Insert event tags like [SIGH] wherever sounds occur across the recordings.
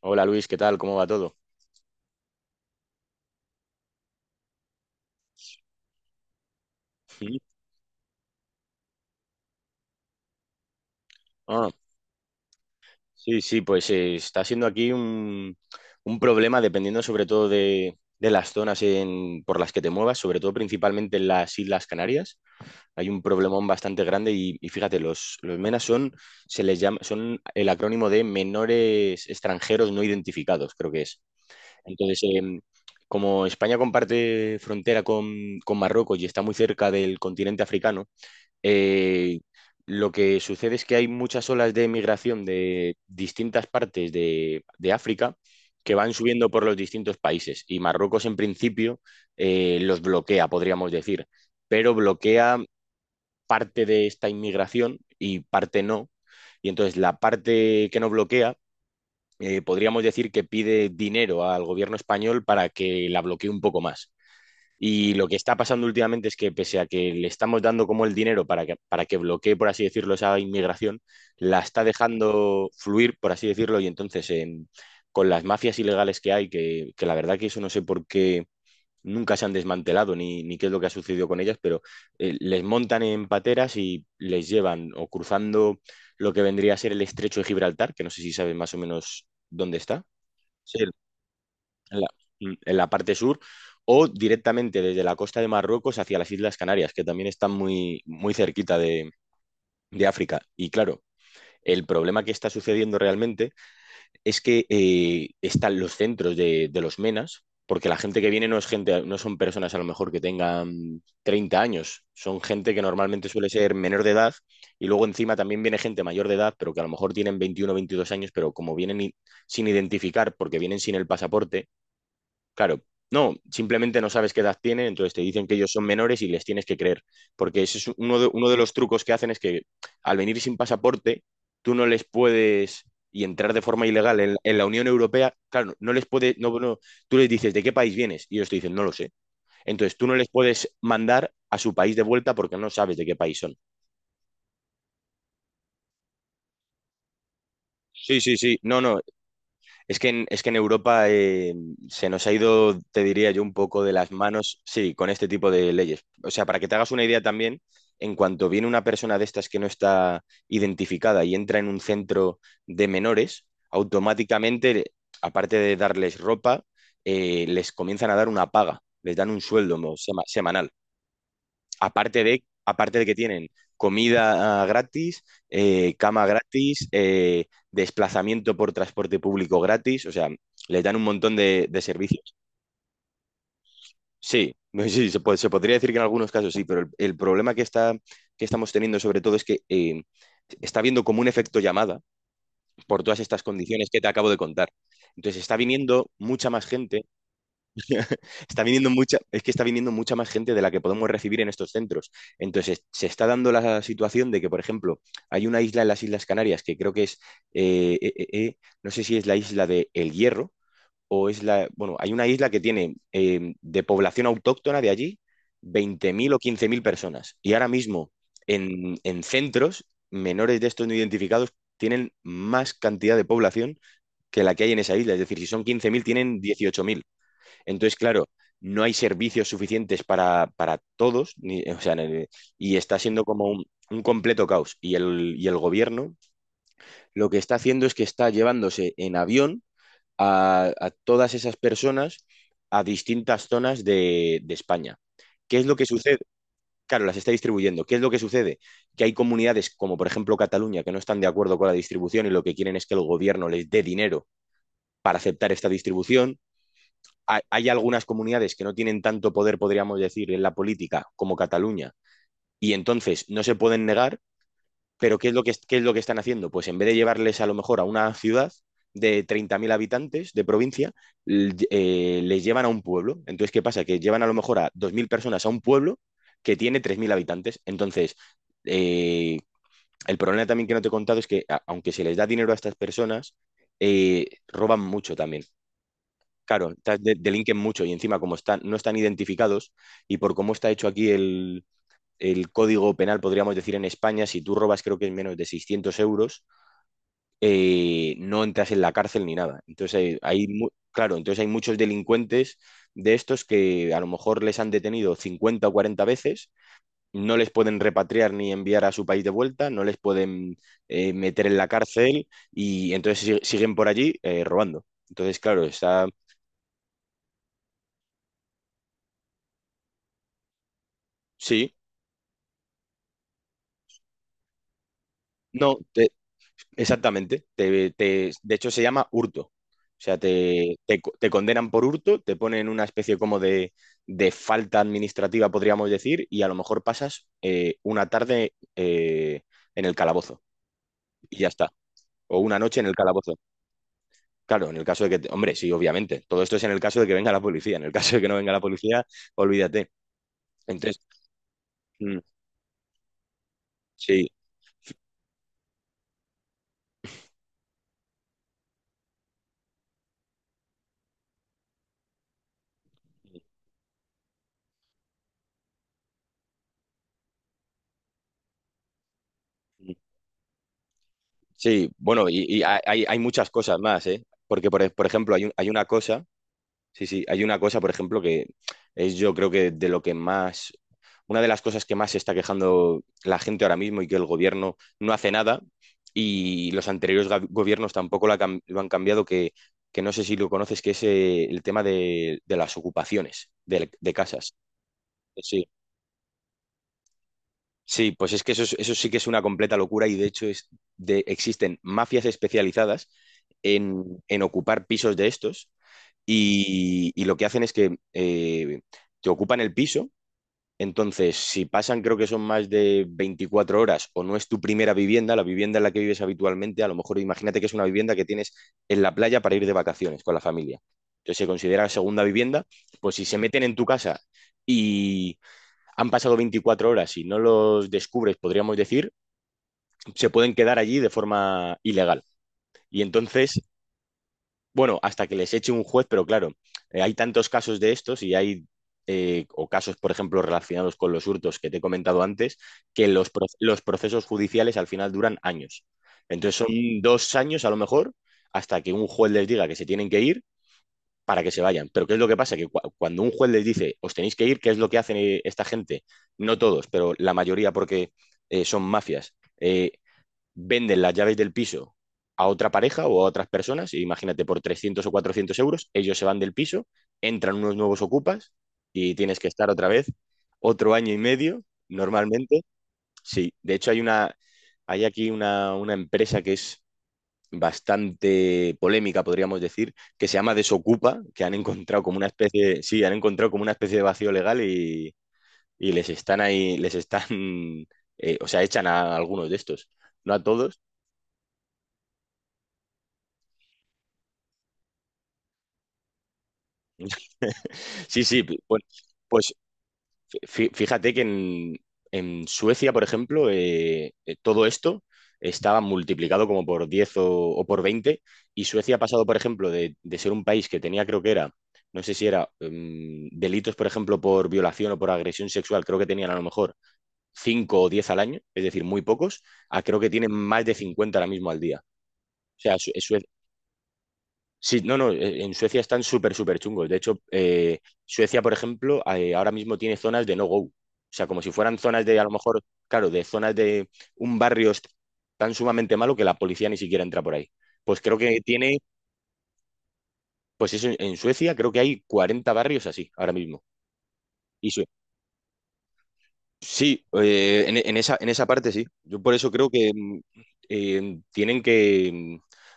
Hola Luis, ¿qué tal? ¿Cómo va todo? Sí. Ah, sí, sí, pues está siendo aquí un problema dependiendo sobre todo de las zonas por las que te muevas, sobre todo principalmente en las Islas Canarias. Hay un problemón bastante grande y fíjate, los MENA son, se les llama, son el acrónimo de menores extranjeros no identificados, creo que es. Entonces, como España comparte frontera con Marruecos y está muy cerca del continente africano. Eh, lo que sucede es que hay muchas olas de migración de distintas partes de África, que van subiendo por los distintos países, y Marruecos en principio los bloquea, podríamos decir, pero bloquea parte de esta inmigración y parte no. Y entonces la parte que no bloquea, podríamos decir que pide dinero al gobierno español para que la bloquee un poco más. Y lo que está pasando últimamente es que, pese a que le estamos dando como el dinero para que bloquee, por así decirlo, esa inmigración, la está dejando fluir, por así decirlo, y entonces con las mafias ilegales que hay, la verdad que eso no sé por qué nunca se han desmantelado ni qué es lo que ha sucedido con ellas, pero les montan en pateras y les llevan, o cruzando lo que vendría a ser el estrecho de Gibraltar, que no sé si sabes más o menos dónde está. Sí, en la, en la parte sur, o directamente desde la costa de Marruecos hacia las Islas Canarias, que también están muy, muy cerquita de África. Y claro, el problema que está sucediendo realmente es que están los centros los MENAS, porque la gente que viene no es gente, no son personas a lo mejor que tengan 30 años, son gente que normalmente suele ser menor de edad, y luego encima también viene gente mayor de edad, pero que a lo mejor tienen 21 o 22 años, pero como vienen sin identificar, porque vienen sin el pasaporte. Claro, no, simplemente no sabes qué edad tienen, entonces te dicen que ellos son menores y les tienes que creer, porque ese es uno de los trucos que hacen, es que al venir sin pasaporte, tú no les puedes y entrar de forma ilegal en la Unión Europea. Claro, no les puede, no, no. Tú les dices, ¿de qué país vienes? Y ellos te dicen, no lo sé. Entonces tú no les puedes mandar a su país de vuelta porque no sabes de qué país son. Sí, sí, sí, no, no. Es que en Europa se nos ha ido, te diría yo, un poco de las manos, sí, con este tipo de leyes. O sea, para que te hagas una idea también, en cuanto viene una persona de estas que no está identificada y entra en un centro de menores, automáticamente, aparte de darles ropa, les comienzan a dar una paga, les dan un sueldo semanal, aparte de que tienen comida gratis, cama gratis, desplazamiento por transporte público gratis. O sea, les dan un montón de servicios. Sí, [LAUGHS] sí, se podría decir que en algunos casos sí, pero el problema que está, que estamos teniendo sobre todo, es que está habiendo como un efecto llamada por todas estas condiciones que te acabo de contar. Entonces está viniendo mucha más gente. [LAUGHS] Está viniendo mucha, es que está viniendo mucha más gente de la que podemos recibir en estos centros. Entonces, se está dando la situación de que, por ejemplo, hay una isla en las Islas Canarias que creo que es, eh, eh, eh, eh, no sé si es la isla de El Hierro bueno, hay una isla que tiene, de población autóctona de allí, 20.000 o 15.000 personas. Y ahora mismo, en centros menores de estos no identificados, tienen más cantidad de población que la que hay en esa isla. Es decir, si son 15.000, tienen 18.000. Entonces, claro, no hay servicios suficientes para todos, o sea, y está siendo como un completo caos. Y el gobierno, lo que está haciendo es que está llevándose en avión a todas esas personas a distintas zonas de España. ¿Qué es lo que sucede? Claro, las está distribuyendo. ¿Qué es lo que sucede? Que hay comunidades, como por ejemplo Cataluña, que no están de acuerdo con la distribución, y lo que quieren es que el gobierno les dé dinero para aceptar esta distribución. Hay algunas comunidades que no tienen tanto poder, podríamos decir, en la política, como Cataluña, y entonces no se pueden negar. Pero ¿qué es lo que están haciendo? Pues en vez de llevarles, a lo mejor, a una ciudad de 30.000 habitantes de provincia, les llevan a un pueblo. Entonces, ¿qué pasa? Que llevan, a lo mejor, a 2.000 personas a un pueblo que tiene 3.000 habitantes. Entonces, eh, el problema también que no te he contado es que, aunque se les da dinero a estas personas, roban mucho también. Claro, delinquen mucho, y encima, como están, no están identificados, y por cómo está hecho aquí el código penal, podríamos decir, en España, si tú robas, creo que es menos de 600 euros, no entras en la cárcel ni nada. Entonces, claro, entonces hay muchos delincuentes de estos que, a lo mejor, les han detenido 50 o 40 veces. No les pueden repatriar ni enviar a su país de vuelta, no les pueden meter en la cárcel, y entonces siguen por allí robando. Entonces, claro, está... Sí, no, exactamente. De hecho, se llama hurto. O sea, te condenan por hurto, te ponen una especie como de falta administrativa, podríamos decir, y a lo mejor pasas, una tarde, en el calabozo, y ya está. O una noche en el calabozo. Claro, en el caso de que, hombre, sí, obviamente. Todo esto es en el caso de que venga la policía. En el caso de que no venga la policía, olvídate. Entonces, mm, sí, mm, sí. Bueno, y hay muchas cosas más, ¿eh? Porque, por ejemplo, hay, hay una cosa. Sí, sí, hay una cosa, por ejemplo, que es, yo creo que, de lo que más, una de las cosas que más se está quejando la gente ahora mismo, y que el gobierno no hace nada, y los anteriores gobiernos tampoco la lo han cambiado, que no sé si lo conoces, que es el tema de las ocupaciones de casas. Sí, sí, pues es que eso, eso sí que es una completa locura, y de hecho es existen mafias especializadas en ocupar pisos de estos, y lo que hacen es que te ocupan el piso. Entonces, si pasan, creo que son más de 24 horas, o no es tu primera vivienda, la vivienda en la que vives habitualmente, a lo mejor imagínate que es una vivienda que tienes en la playa para ir de vacaciones con la familia. Entonces se considera segunda vivienda. Pues si se meten en tu casa y han pasado 24 horas y no los descubres, podríamos decir, se pueden quedar allí de forma ilegal. Y entonces, bueno, hasta que les eche un juez. Pero claro, hay tantos casos de estos, y o casos, por ejemplo, relacionados con los hurtos que te he comentado antes, que los, los procesos judiciales al final duran años. Entonces son 2 años, a lo mejor, hasta que un juez les diga que se tienen que ir, para que se vayan. Pero ¿qué es lo que pasa? Que, cuando un juez les dice, os tenéis que ir, ¿qué es lo que hacen, esta gente? No todos, pero la mayoría, porque son mafias. Venden las llaves del piso a otra pareja o a otras personas, imagínate, por 300 o 400 euros. Ellos se van del piso, entran unos nuevos ocupas, y tienes que estar otra vez otro año y medio, normalmente. Sí, de hecho hay una, hay aquí una empresa que es bastante polémica, podríamos decir, que se llama Desocupa, que han encontrado como una especie, sí, han encontrado como una especie de vacío legal, y les están ahí, les están, o sea, echan a algunos de estos, no a todos. Sí, sí, bueno, pues fíjate que en Suecia, por ejemplo, todo esto estaba multiplicado como por 10, o por 20. Y Suecia ha pasado, por ejemplo, de ser un país que tenía, creo que era, no sé si era, delitos, por ejemplo, por violación o por agresión sexual, creo que tenían a lo mejor 5 o 10 al año, es decir, muy pocos, a creo que tienen más de 50 ahora mismo al día. O sea, Suecia... Sí, no, no, en Suecia están súper, súper chungos. De hecho, Suecia, por ejemplo, ahora mismo tiene zonas de no-go. O sea, como si fueran zonas de, a lo mejor, claro, de zonas de un barrio tan sumamente malo que la policía ni siquiera entra por ahí. Pues creo que tiene, pues eso, en Suecia creo que hay 40 barrios así ahora mismo. Sí, en esa parte sí. Yo por eso creo que tienen que...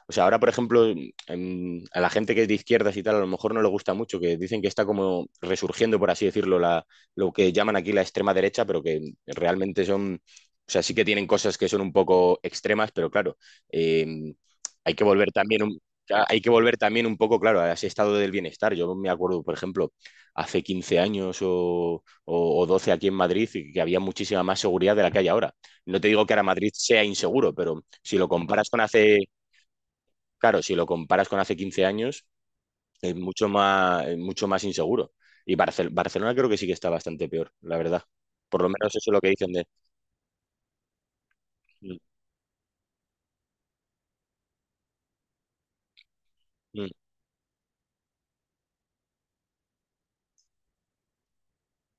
O sea, ahora, por ejemplo, a la gente que es de izquierdas y tal, a lo mejor no le gusta mucho, que dicen que está como resurgiendo, por así decirlo, lo que llaman aquí la extrema derecha, pero que realmente son... O sea, sí que tienen cosas que son un poco extremas, pero claro, em, hay que volver también un... Hay que volver también un poco, claro, a ese estado del bienestar. Yo me acuerdo, por ejemplo, hace 15 años, o 12, aquí en Madrid, y que había muchísima más seguridad de la que hay ahora. No te digo que ahora Madrid sea inseguro, pero si lo comparas con hace, claro, si lo comparas con hace 15 años, es mucho más inseguro. Y Barcelona creo que sí que está bastante peor, la verdad. Por lo menos eso es lo que dicen de... Mm, mm.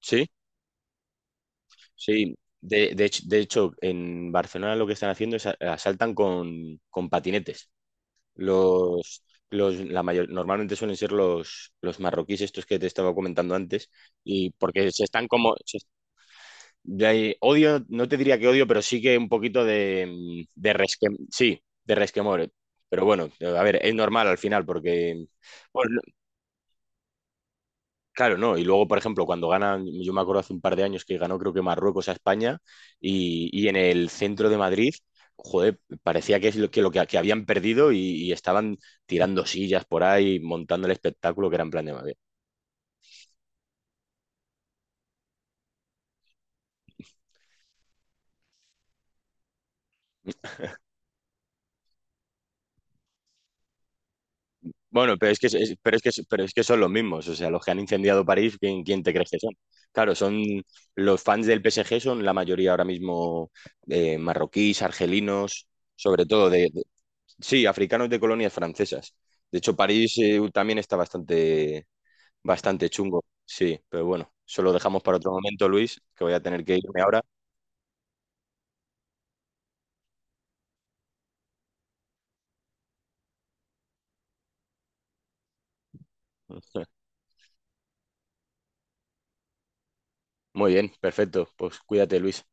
Sí, sí. De hecho, en Barcelona lo que están haciendo es, asaltan con patinetes. Los, la mayor, normalmente suelen ser los marroquíes, estos que te estaba comentando antes, y porque se están como, odio, no te diría que odio, pero sí que un poquito de, sí, de resquemor. Pero bueno, a ver, es normal al final, porque, bueno... Claro, no. Y luego, por ejemplo, cuando ganan, yo me acuerdo hace un par de años que ganó creo que Marruecos a España, y en el centro de Madrid, joder, parecía que es que habían perdido, y estaban tirando sillas por ahí, montando el espectáculo, que era en plan de Madrid. Bueno, pero es que, pero es que son los mismos, o sea, los que han incendiado París, ¿quién te crees que son? Claro, son los fans del PSG, son la mayoría ahora mismo, marroquíes, argelinos, sobre todo de... Sí, africanos de colonias francesas. De hecho, París también está bastante, bastante chungo. Sí, pero bueno, eso lo dejamos para otro momento, Luis, que voy a tener que irme ahora. [LAUGHS] Muy bien, perfecto. Pues cuídate, Luis.